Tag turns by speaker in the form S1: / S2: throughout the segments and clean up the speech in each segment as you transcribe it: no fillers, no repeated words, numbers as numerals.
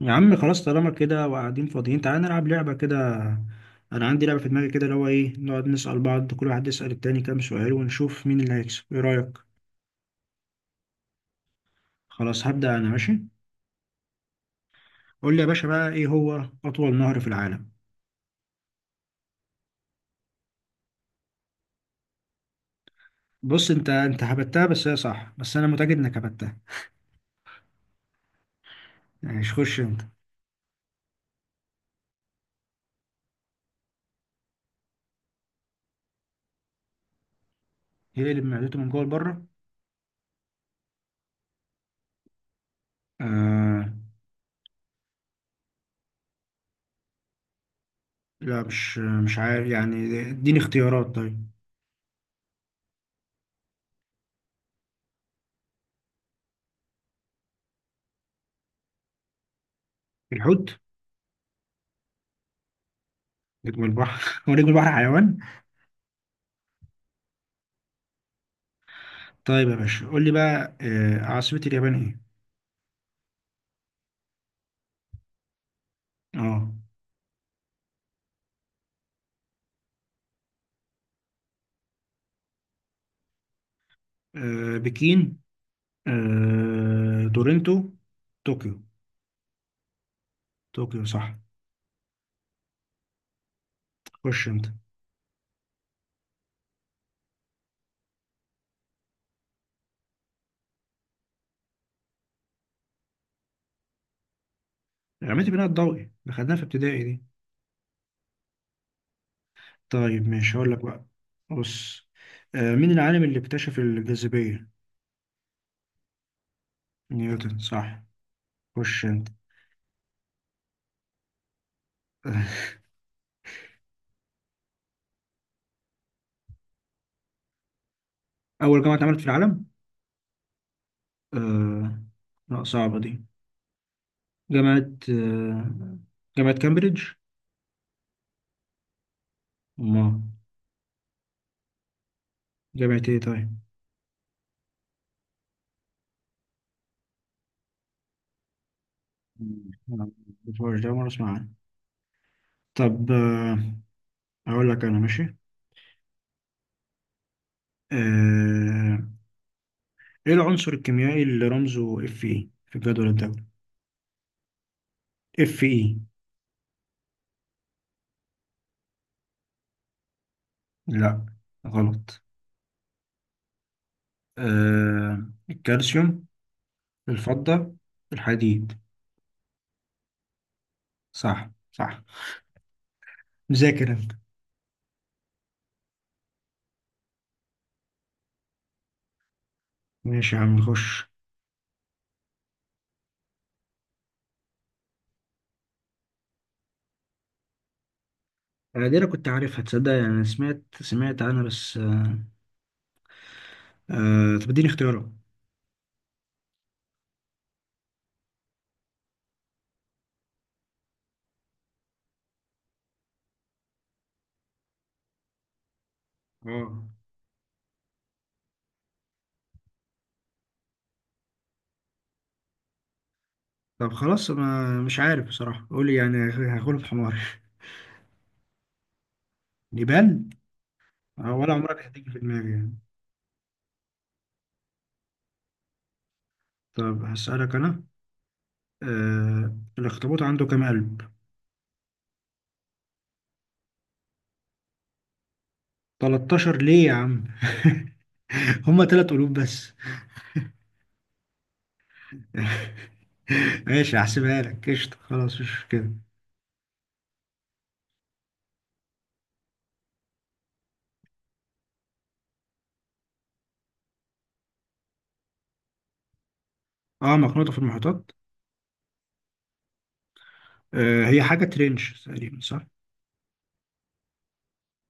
S1: يا عم خلاص طالما كده وقاعدين فاضيين، تعالى نلعب لعبة كده. أنا عندي لعبة في دماغي كده، اللي هو إيه، نقعد نسأل بعض، كل واحد يسأل التاني كام سؤال ونشوف مين اللي هيكسب. إيه رأيك؟ خلاص هبدأ أنا، ماشي. قول لي يا باشا بقى، إيه هو أطول نهر في العالم؟ بص، أنت هبتها، بس هي صح، بس أنا متأكد إنك هبتها. يعني مش خش أنت. يقلب معدته من جوه لبره؟ آه لا، مش عارف يعني، اديني اختيارات طيب. الحوت، نجم البحر. هو نجم البحر حيوان؟ طيب يا باشا قول لي بقى، عاصمة اليابان إيه؟ اه، بكين، تورنتو، طوكيو. طوكيو صح. خش انت. عملت بناء الضوئي، ده خدناها في ابتدائي دي. طيب ماشي هقول لك بقى. بص، مين العالم اللي اكتشف الجاذبية؟ نيوتن صح. خش انت. أول جامعة اتعملت في العالم؟ آه، لا صعبة دي. جامعة جامعة كامبريدج. ما، جامعة ايه طيب؟ لا، مش ده، مرة اسمع عنها. طب هقول لك انا، ماشي. آه، ايه العنصر الكيميائي اللي رمزه اف اي في الجدول الدوري؟ اف اي. لا غلط. الكالسيوم، الفضة، الحديد. صح صح. مذاكر انت. ماشي يا عم، خش. انا دي انا كنت عارفها تصدق، يعني انا سمعت عنها، بس طب اديني اختيارات. اه. طب خلاص انا مش عارف بصراحة، قولي يعني هاخد في حماري. نيبال. ولا عمرك هتيجي في دماغي يعني. طب هسألك انا، آه، الأخطبوط عنده كام قلب؟ 13 ليه يا عم؟ هما تلات قلوب بس. ماشي هحسبها لك قشطة، خلاص مش كده. اه مخنوطة في المحيطات. آه، هي حاجة ترنش تقريبا صح؟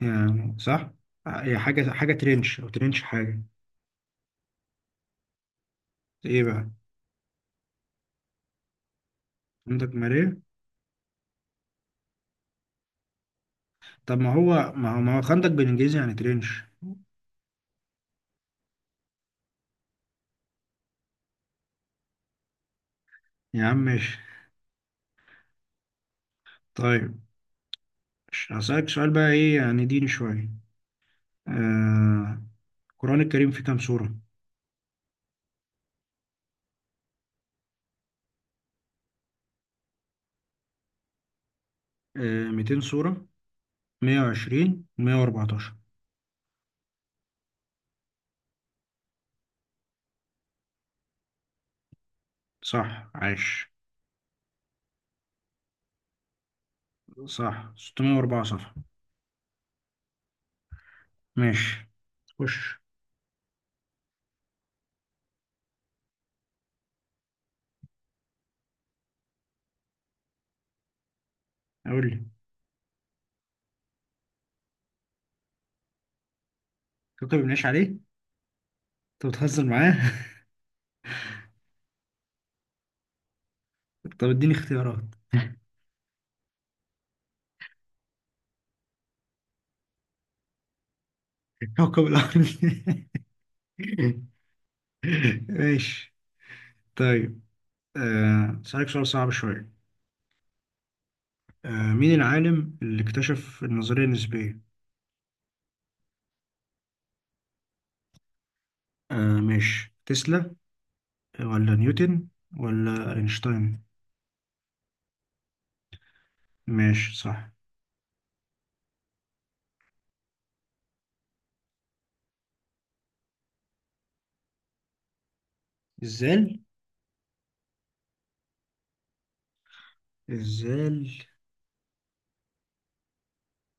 S1: يعني صح؟ هي حاجة ترنش، أو ترنش حاجة. ايه بقى؟ خندق ماريه؟ طب ما هو ما هو ما هو خندق بالإنجليزي يعني ترنش. يا عم ماشي. طيب هسألك سؤال بقى، ايه يعني ديني شوية. آه، القرآن الكريم فيه كام سورة؟ آه، 200 سورة، مية وعشرين، مية وأربعتاشر. صح، عاش. صح، ستمية وأربعة صفحة. ماشي، خش. أقول لي. كوكب بنعيش عليه. أنت بتهزر معاه. طب اديني اختيارات. كوكب الأرض. ماشي. طيب، آه، أسألك سؤال صعب شوية. آه، مين العالم اللي اكتشف النظرية النسبية؟ ماشي، تسلا، ولا نيوتن، ولا أينشتاين؟ ماشي صح. الزال. الزال.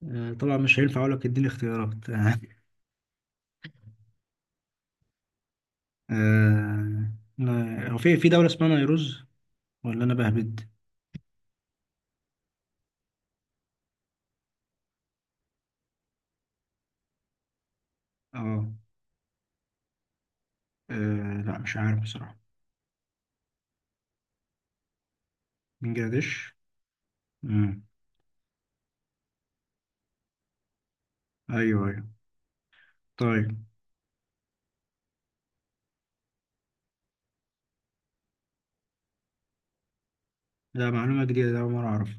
S1: آه، طبعا مش هينفع اقول لك اديني اختيارات. آه، لا، هو في في دولة اسمها نيروز، ولا انا بهبد؟ اه. لا مش عارف بصراحة. بنجلاديش. مم. ايوه ايوه. طيب. لا، معلومة جديدة ده، أول مرة اعرف.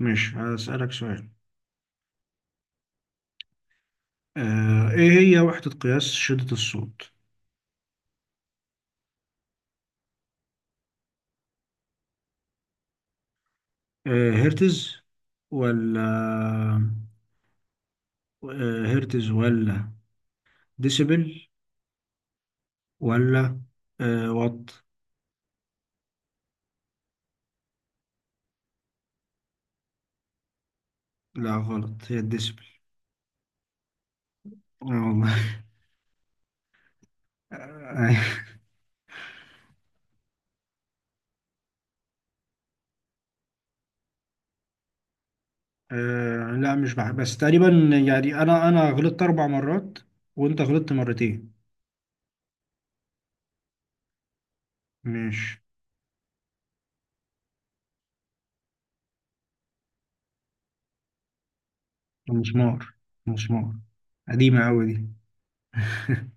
S1: مش هسألك سؤال. ايه هي وحدة قياس شدة الصوت؟ هرتز، ولا هرتز، ولا ديسيبل، ولا وات؟ لا غلط، هي الديسيبل. اه والله. لا مش بح... بس تقريبا يعني، انا غلطت اربع مرات، وانت غلطت مرتين. ماشي. مسمار. مسمار. قديمة أوي دي.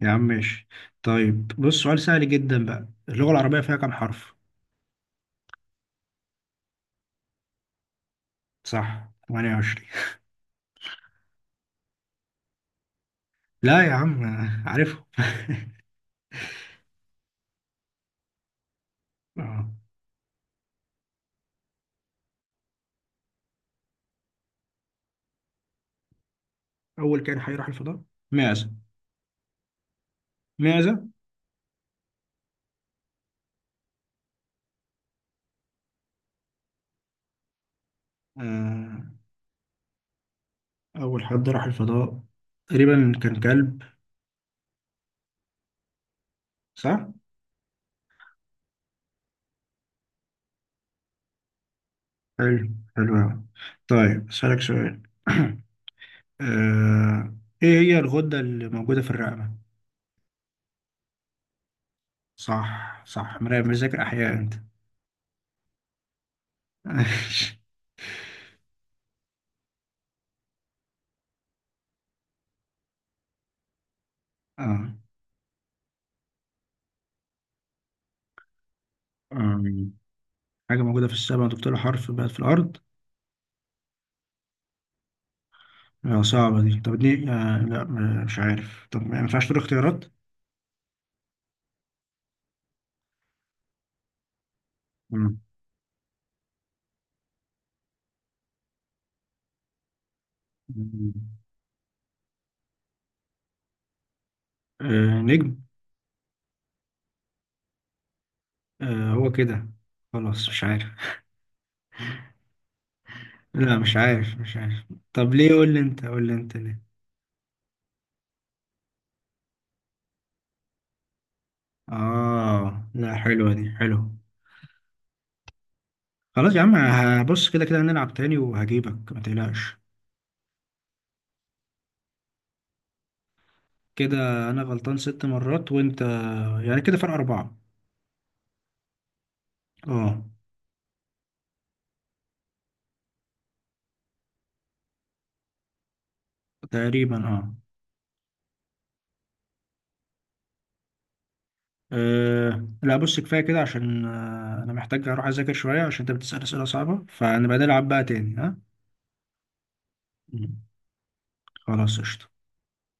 S1: يا عم ماشي. طيب بص، سؤال سهل جدا بقى، اللغة العربية فيها كام حرف؟ صح، 28. لا يا عم، عارفهم. آه. أول كائن حي راح الفضاء. معزة. معزة. آه. أول حد راح الفضاء، تقريبا كان كلب، صح؟ حلو. حلو أوي. طيب أسألك سؤال. آه، ايه هي الغدة اللي موجودة في الرقبة؟ صح صح، مراقب مذاكر احياء انت. اه. آم، حاجة موجودة في السماء وضفت لها حرف بقت في الأرض؟ آه، صعبة دي، طب دي آه لا مش عارف، طب ما ينفعش تقول اختيارات؟ مم. آه، نجم. آه، هو كده، خلاص مش عارف. لا مش عارف، مش عارف. طب ليه؟ قول لي انت، قول لي انت ليه. اه لا، حلوة دي، حلوة. خلاص يا عم، هبص كده. كده هنلعب تاني وهجيبك ما تقلقش. كده انا غلطان ست مرات، وانت، يعني كده فرق اربعة. اه تقريبا اه. أه لا بص، كفاية كده، عشان أنا محتاج أروح أذاكر شوية، عشان أنت بتسأل أسئلة صعبة، فنبقى نلعب بقى تاني، ها؟ مم. خلاص قشطة.